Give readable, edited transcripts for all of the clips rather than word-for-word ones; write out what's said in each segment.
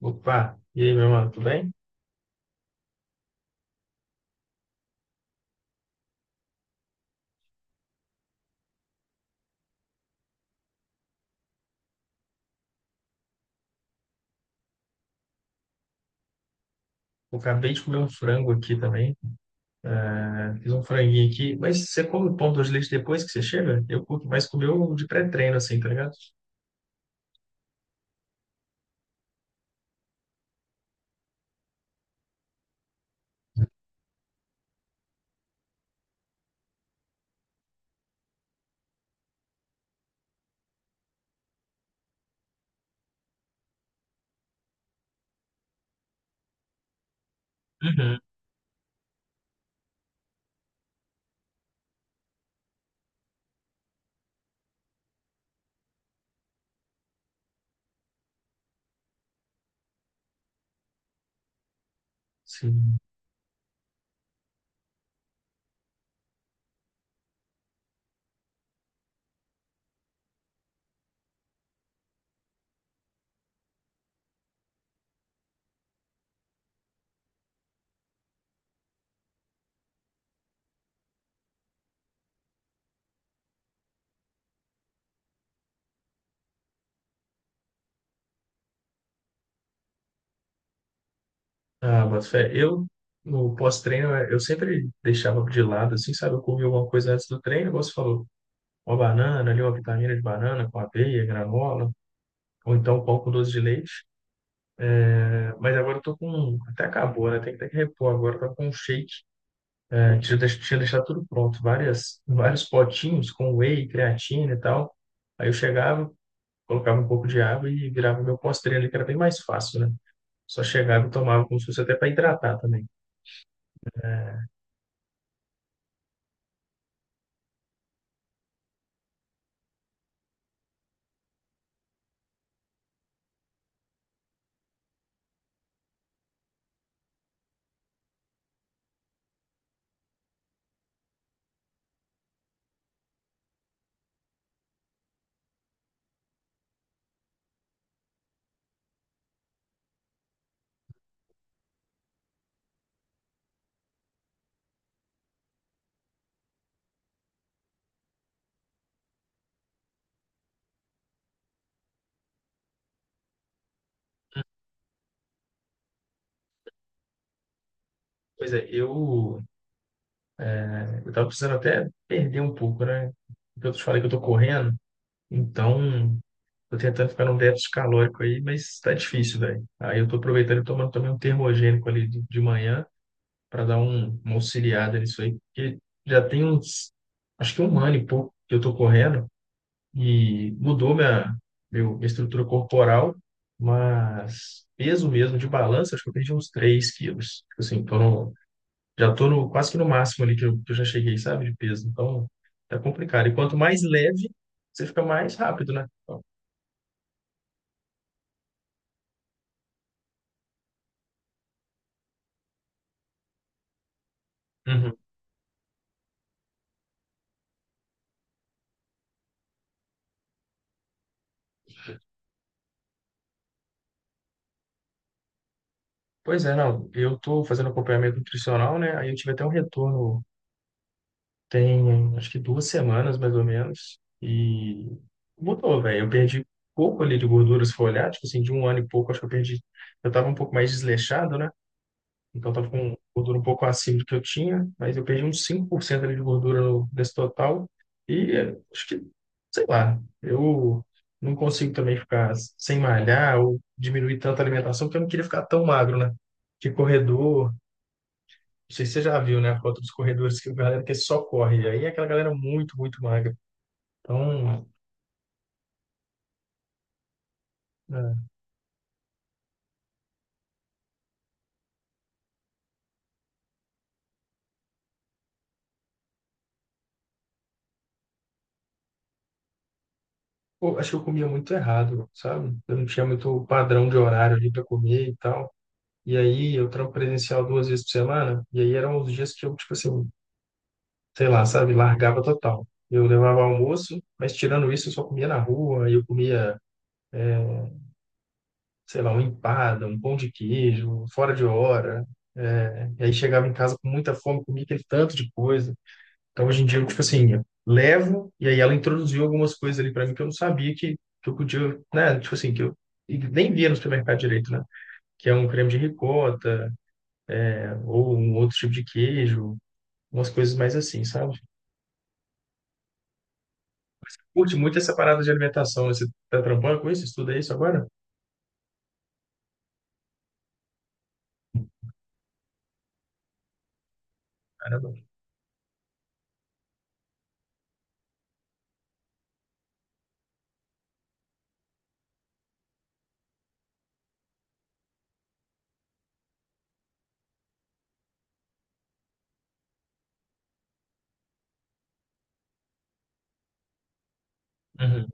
Opa, e aí, meu mano, tudo bem? Eu acabei de comer um frango aqui também, né? Fiz um franguinho aqui. Mas você come o pão de leite depois que você chega? Eu curto mais comer o de pré-treino, assim, tá ligado? Uhum. Sim. Ah, boto fé. No pós-treino, eu sempre deixava de lado, assim, sabe? Eu comia alguma coisa antes do treino, igual você falou. Uma banana ali, uma vitamina de banana com aveia, granola, ou então pão com doce de leite. É, mas agora eu tô com... Até acabou, né? Tem que repor agora. Eu tô com um shake. Eu tinha deixado tudo pronto, vários potinhos com whey, creatina e tal. Aí eu chegava, colocava um pouco de água e virava meu pós ali, que era bem mais fácil, né? Só chegava e tomava como se fosse até para hidratar também. Pois é, eu tava precisando até perder um pouco, né? Porque eu te falei que eu tô correndo, então tô tentando ficar num déficit calórico aí, mas tá difícil, velho. Aí eu tô aproveitando e tomando também um termogênico ali de manhã para dar uma auxiliada nisso aí, porque já tem uns, acho que um ano e pouco que eu tô correndo e mudou minha estrutura corporal, mas peso mesmo de balança, acho que eu perdi uns 3 quilos. Tipo assim, tô no- já tô no, quase que no máximo ali que que eu já cheguei, sabe, de peso. Então, tá complicado. E quanto mais leve, você fica mais rápido, né? Então, uhum. Pois é, não, eu tô fazendo acompanhamento nutricional, né? Aí eu tive até um retorno. Tem acho que duas semanas, mais ou menos, e mudou, velho. Eu perdi pouco ali de gordura, se for olhar, tipo assim, de um ano e pouco, acho que eu perdi. Eu tava um pouco mais desleixado, né? Então tava com gordura um pouco acima do que eu tinha, mas eu perdi uns 5% ali de gordura no, nesse total. E acho que, sei lá, eu não consigo também ficar sem malhar ou diminuir tanto a alimentação, porque eu não queria ficar tão magro, né? Que corredor, não sei se você já viu, né? A foto dos corredores, que a galera que é só corre. E aí é aquela galera muito, muito magra. Então, é, pô, acho que eu comia muito errado, sabe? Eu não tinha muito padrão de horário ali para comer e tal. E aí eu trampo presencial duas vezes por semana. E aí eram os dias que eu, tipo assim, sei lá, sabe? Largava total. Eu levava almoço, mas tirando isso eu só comia na rua. E eu comia, sei lá, uma empada, um pão de queijo, fora de hora. É, e aí chegava em casa com muita fome, comia aquele tanto de coisa. Então, hoje em dia, eu, tipo assim, eu levo, e aí ela introduziu algumas coisas ali para mim que eu não sabia que eu podia, né? Tipo assim, que eu e nem via no supermercado direito, né? Que é um creme de ricota, né, ou um outro tipo de queijo, umas coisas mais assim, sabe? Curte muito essa parada de alimentação, né? Você tá trampando com isso? Estuda isso agora? Caramba. Uhum.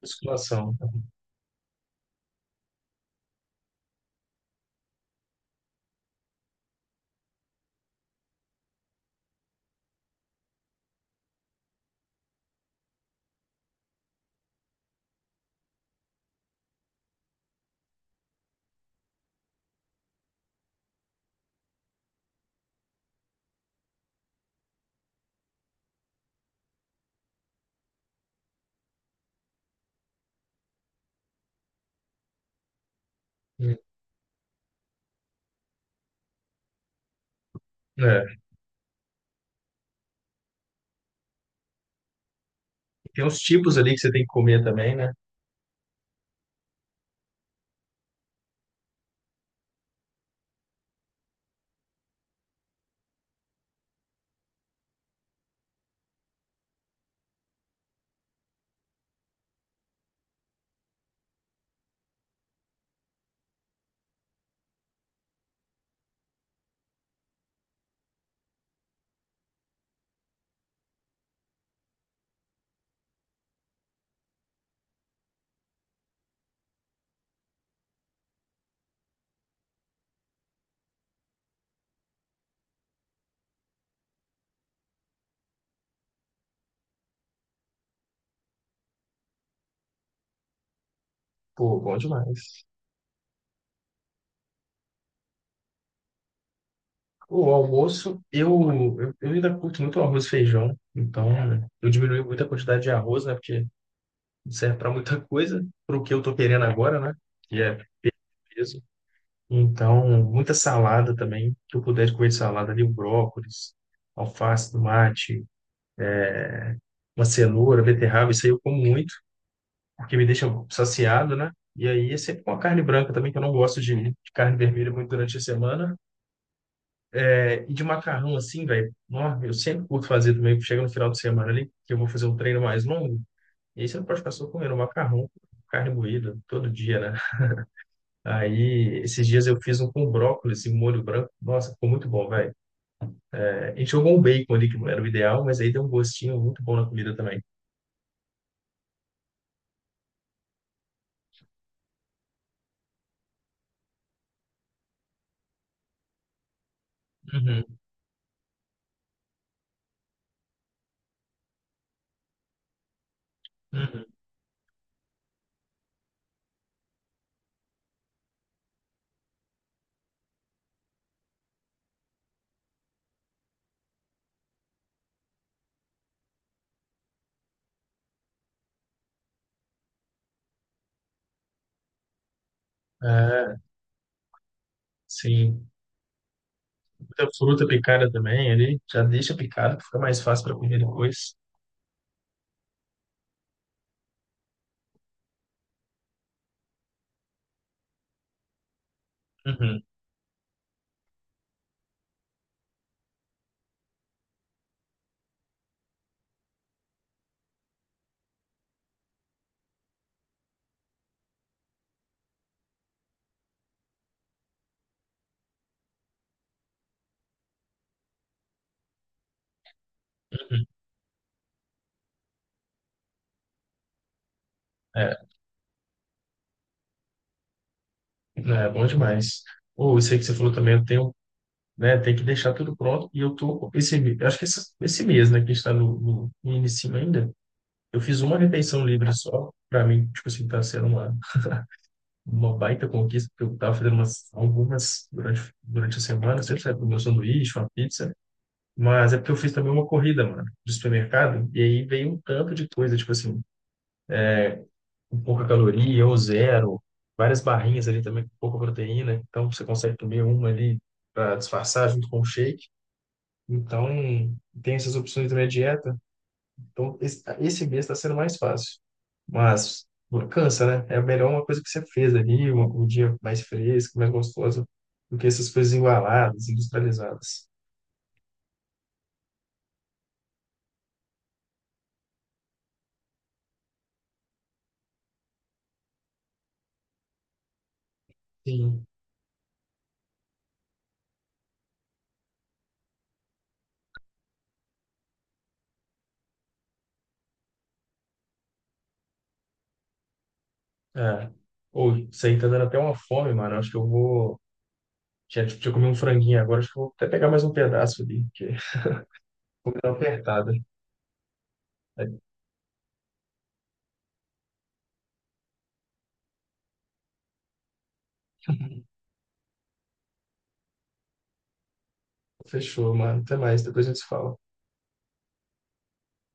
Musculação. Uhum. É. Tem uns tipos ali que você tem que comer também, né? Pô, bom demais. O almoço, eu ainda curto muito arroz e feijão, então eu diminui muito a quantidade de arroz, né? Porque não serve para muita coisa, para o que eu tô querendo agora, né? Que é peso. Então, muita salada também, que eu puder comer de salada ali, o brócolis, alface, tomate, uma cenoura, beterraba, isso aí eu como muito, porque me deixa saciado, né? E aí é sempre uma carne branca também, que eu não gosto de carne vermelha muito durante a semana. É, e de macarrão, assim, velho, nó, eu sempre curto fazer também, chega no final de semana ali, que eu vou fazer um treino mais longo, e aí você não pode ficar só comendo macarrão, carne moída, todo dia, né? Aí, esses dias eu fiz um com brócolis e molho branco, nossa, ficou muito bom, velho. É, a gente jogou um bacon ali, que não era o ideal, mas aí deu um gostinho muito bom na comida também. Uhum, uhum. É, sim. Muita fruta picada também ali, já deixa picado, que fica mais fácil para comer depois. Uhum. Uhum. É, é bom demais. Ou isso aí que você falou também, eu tenho né? Tem que deixar tudo pronto. E eu tô eu acho que esse mês, né, que a gente está no início ainda, eu fiz uma refeição livre só. Para mim, tipo assim, tá sendo uma baita conquista, porque eu tava fazendo umas, algumas durante a semana, sempre sabe, meu sanduíche, uma pizza. Mas é porque eu fiz também uma corrida, mano, do supermercado, e aí veio um tanto de coisa, tipo assim, com pouca caloria, ou zero, várias barrinhas ali também com pouca proteína, então você consegue comer uma ali para disfarçar junto com o shake. Então, tem essas opções também a dieta. Então, esse mês está sendo mais fácil. Mas cansa, né? É melhor uma coisa que você fez ali, dia mais fresco, mais gostoso, do que essas coisas embaladas, industrializadas. Sim. É. Ou, isso aí tá dando até uma fome, mano. Acho que eu vou. Tinha comer um franguinho agora, acho que eu vou até pegar mais um pedaço ali, porque vou dar uma apertada. Aí, fechou, mano. Até mais, depois a gente se fala.